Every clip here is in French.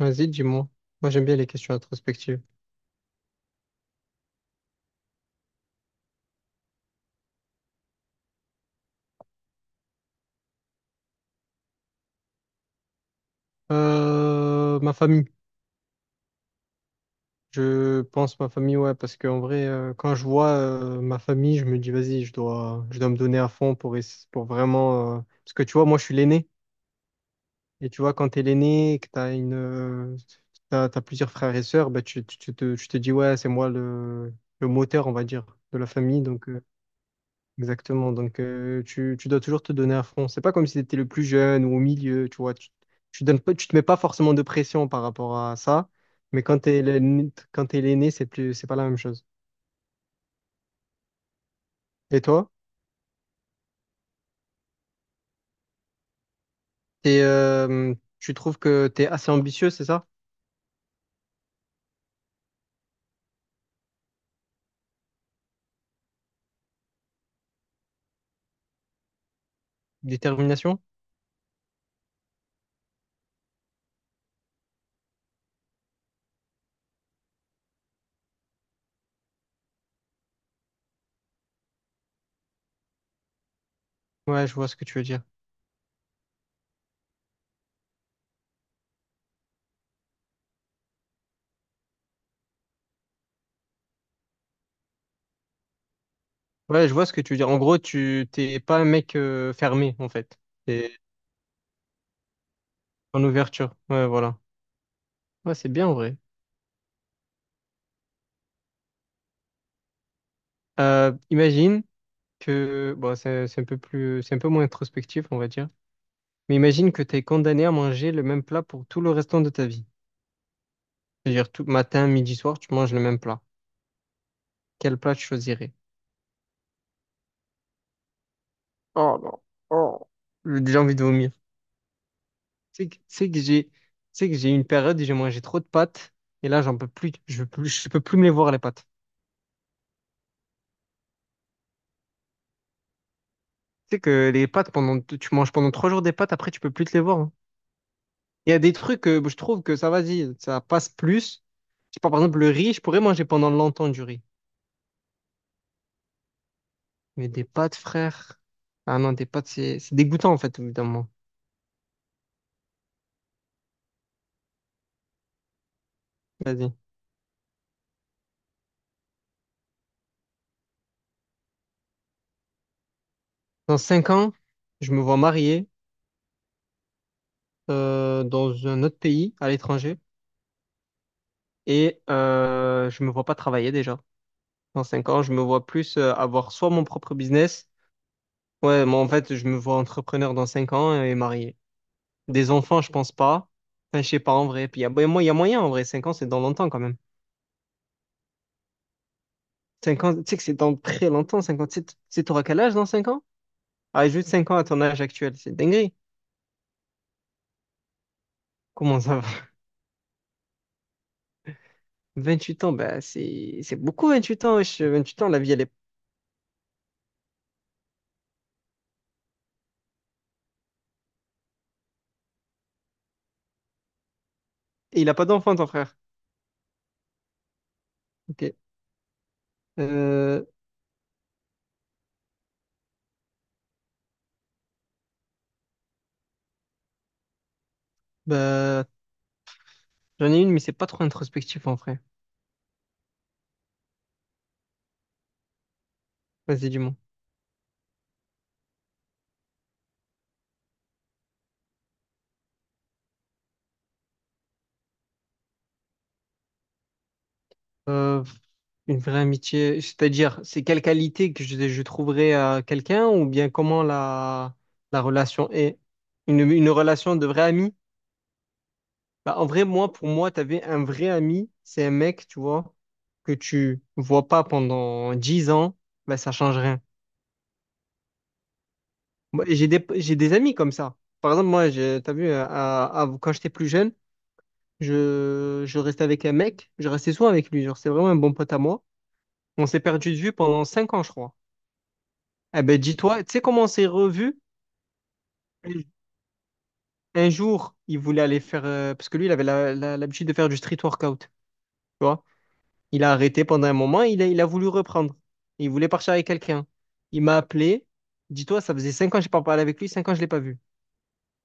Vas-y, dis-moi. Moi, j'aime bien les questions introspectives. Ma famille. Je pense ma famille, ouais, parce qu'en vrai, quand je vois ma famille, je me dis, vas-y, je dois me donner à fond pour, pour vraiment. Parce que tu vois, moi, je suis l'aîné. Et tu vois, quand t'es l'aîné, que t'as plusieurs frères et sœurs, bah, tu te dis, ouais, le moteur, on va dire, de la famille. Donc, exactement. Donc, tu dois toujours te donner à fond. C'est pas comme si tu étais le plus jeune ou au milieu, tu vois. Tu donnes pas, tu te mets pas forcément de pression par rapport à ça. Mais quand tu es l'aîné, quand t'es l'aîné, c'est plus, c'est pas la même chose. Et toi, tu trouves que tu es assez ambitieux, c'est ça? Détermination? Ouais, je vois ce que tu veux dire. Ouais, je vois ce que tu veux dire. En gros, tu t'es pas un mec fermé, en fait. T'es en ouverture. Ouais, voilà. Ouais, c'est bien en vrai. Imagine que bon, c'est un peu plus, c'est un peu moins introspectif, on va dire. Mais imagine que tu es condamné à manger le même plat pour tout le restant de ta vie. C'est-à-dire tout matin, midi, soir, tu manges le même plat. Quel plat tu choisirais? Oh non, oh, j'ai déjà envie de vomir. C'est que, c'est que j'ai, c'est que j'ai eu une période où j'ai mangé trop de pâtes et là j'en peux plus, je peux plus me les voir les pâtes. Tu sais que tu manges pendant trois jours des pâtes, après tu peux plus te les voir, hein. Il y a des trucs que je trouve que ça vas-y, ça passe plus. Je sais pas, par exemple le riz, je pourrais manger pendant longtemps du riz, mais des pâtes, frère. Ah non, des pâtes, c'est dégoûtant en fait, évidemment. Vas-y. Dans cinq ans, je me vois marié dans un autre pays, à l'étranger, et je me vois pas travailler déjà. Dans cinq ans, je me vois plus avoir soit mon propre business, ouais, moi en fait, je me vois entrepreneur dans cinq ans et marié. Des enfants, je pense pas. Enfin, je sais pas en vrai. Puis il y a, ben, moi, il y a moyen en vrai. Cinq ans, c'est dans longtemps quand même. Cinq ans, tu sais que c'est dans très longtemps. Cinq ans, t'auras quel âge dans cinq ans? Ah, juste cinq ans à ton âge actuel, c'est dinguerie. Comment ça va? Huit ans, bah, c'est beaucoup. 28 ans, wesh. Huit ans, la vie, elle est. Et il a pas d'enfant, ton frère. Ok. Euh, bah, J'en ai une, mais c'est pas trop introspectif en vrai. Vas-y, dis-moi. Euh, une vraie amitié, c'est-à-dire, c'est quelle qualité que je trouverais à quelqu'un ou bien la relation est? Une relation de vrai ami? Bah, en vrai, moi, pour moi, t'avais un vrai ami, c'est un mec, tu vois, que tu vois pas pendant 10 ans, bah, ça change rien. Moi, j'ai des, j'ai des amis comme ça. Par exemple, moi, t'as vu, quand j'étais plus jeune, je restais avec un mec, je restais souvent avec lui, genre c'est vraiment un bon pote à moi. On s'est perdu de vue pendant cinq ans, je crois. Eh ben dis-toi, tu sais comment on s'est revus? Un jour, il voulait aller faire, parce que lui, il avait l'habitude de faire du street workout, tu vois. Il a arrêté pendant un moment, il a voulu reprendre. Il voulait partir avec quelqu'un. Il m'a appelé, dis-toi, ça faisait cinq ans que j'ai pas parlé avec lui, cinq ans que je ne l'ai pas vu.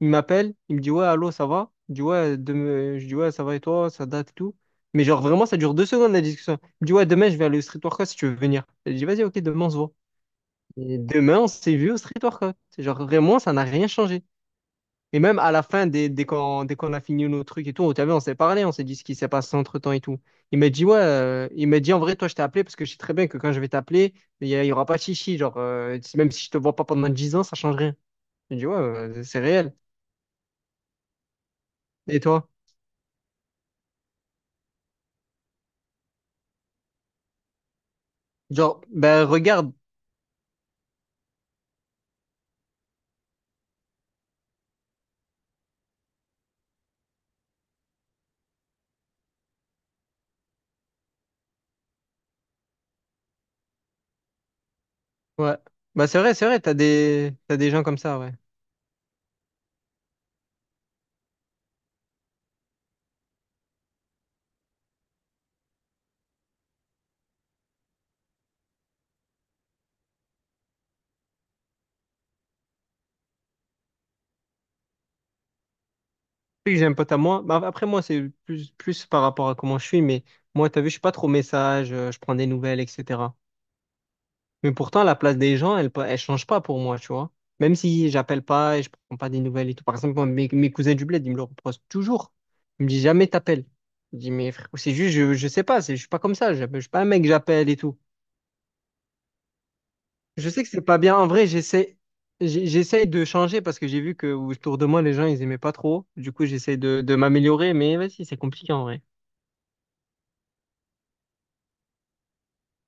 Il m'appelle, il me dit ouais, allô, ça va? Je dis ouais, je dis ouais, ça va et toi, ça date et tout. Mais genre vraiment, ça dure deux secondes la discussion. Il me dit ouais, demain, je vais aller au Street Workout si tu veux venir. Je dis vas-y, ok, demain, on se voit. Et demain, on s'est vu au Street Workout. C'est genre vraiment, ça n'a rien changé. Et même à la fin, dès qu'on a fini nos trucs et tout, t'as vu, on s'est parlé, on s'est dit ce qui s'est passé entre-temps et tout. Il m'a dit ouais, il m'a dit en vrai, toi, je t'ai appelé parce que je sais très bien que quand je vais t'appeler, il y aura pas de chichi. Genre, même si je te vois pas pendant 10 ans, ça change rien. Je dis ouais, c'est réel. Et toi? Genre, ben regarde, ouais. Bah c'est vrai, t'as des gens comme ça, ouais. Puis que j'ai un pote à moi. Bah, après moi, plus par rapport à comment je suis, mais moi, t'as vu, je suis pas trop message, je prends des nouvelles, etc. Mais pourtant, la place des gens, elle change pas pour moi, tu vois. Même si j'appelle pas et je prends pas des nouvelles et tout. Par exemple, moi, mes cousins du bled, ils me le reprochent toujours. Ils me disent jamais t'appelles. Je dis, mais frère, c'est juste, je sais pas, c'est, je suis pas comme ça, je suis pas un mec, j'appelle et tout. Je sais que c'est pas bien. En vrai, j'essaye de changer parce que j'ai vu que autour de moi, les gens, ils aimaient pas trop. Du coup, j'essaie de m'améliorer, mais vas-y, c'est compliqué en vrai.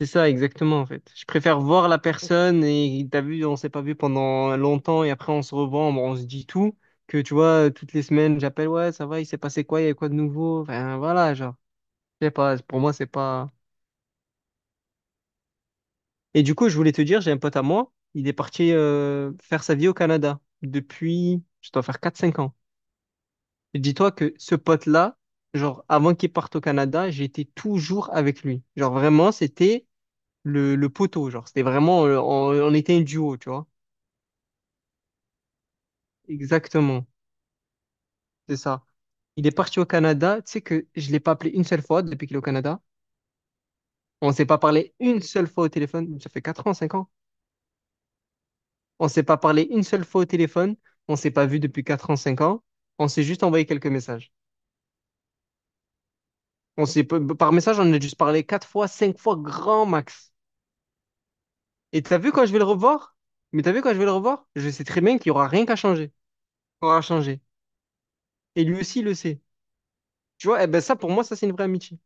C'est ça, exactement, en fait. Je préfère voir la personne et t'as vu, on s'est pas vu pendant longtemps et après, on se revoit, on se dit tout. Que tu vois, toutes les semaines, j'appelle, ouais, ça va, il s'est passé quoi, il y a quoi de nouveau? Enfin, voilà, genre, je sais pas, pour moi, c'est pas. Et du coup, je voulais te dire, j'ai un pote à moi, il est parti faire sa vie au Canada depuis, je dois faire quatre cinq ans. Dis-toi que ce pote-là, genre, avant qu'il parte au Canada, j'étais toujours avec lui. Genre, vraiment, le poteau. Genre, c'était vraiment, on était un duo, tu vois. Exactement, c'est ça. Il est parti au Canada. Tu sais que je l'ai pas appelé une seule fois depuis qu'il est au Canada. On s'est pas parlé une seule fois au téléphone. Ça fait 4 ans, 5 ans. On s'est pas parlé une seule fois au téléphone. On s'est pas vu depuis 4 ans, 5 ans. On s'est juste envoyé quelques messages. On s'est, par message, on a dû se parler 4 fois, 5 fois, grand max. Et t'as vu quand je vais le revoir? Mais t'as vu quand je vais le revoir? Je sais très bien qu'il y aura rien qu'à changer. Qu'on aura changé. Et lui aussi, il le sait. Tu vois, eh ben ça, pour moi, ça, c'est une vraie amitié.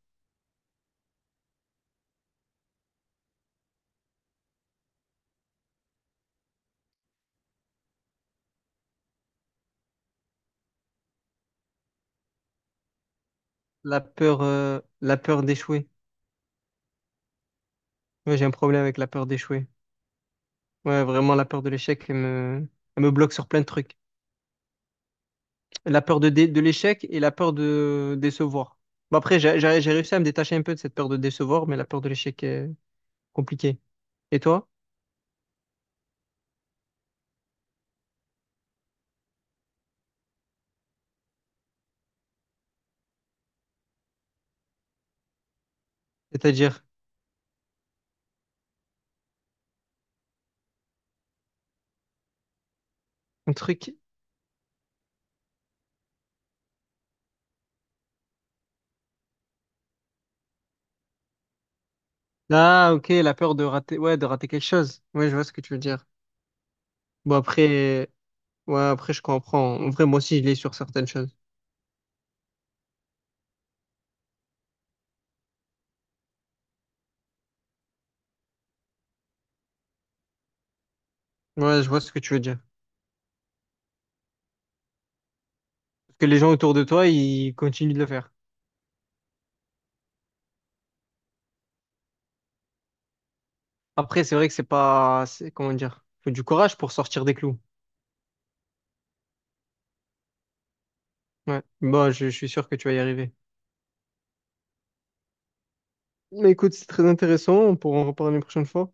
La peur d'échouer. Ouais, j'ai un problème avec la peur d'échouer. Ouais, vraiment, la peur de l'échec, elle me bloque sur plein de trucs. La peur de l'échec et la peur de décevoir. Bon, après, j'ai réussi à me détacher un peu de cette peur de décevoir, mais la peur de l'échec est compliquée. Et toi? C'est-à-dire, un truc. Ah, ok, la peur de rater, ouais, de rater quelque chose. Ouais, je vois ce que tu veux dire. Bon, après, ouais, après, je comprends. En vrai, moi aussi, je l'ai sur certaines choses. Ouais, je vois ce que tu veux dire. Parce que les gens autour de toi, ils continuent de le faire. Après, c'est vrai que c'est pas, c'est, comment dire, faut du courage pour sortir des clous. Ouais. Bon, je suis sûr que tu vas y arriver. Mais écoute, c'est très intéressant. On pourra en reparler une prochaine fois.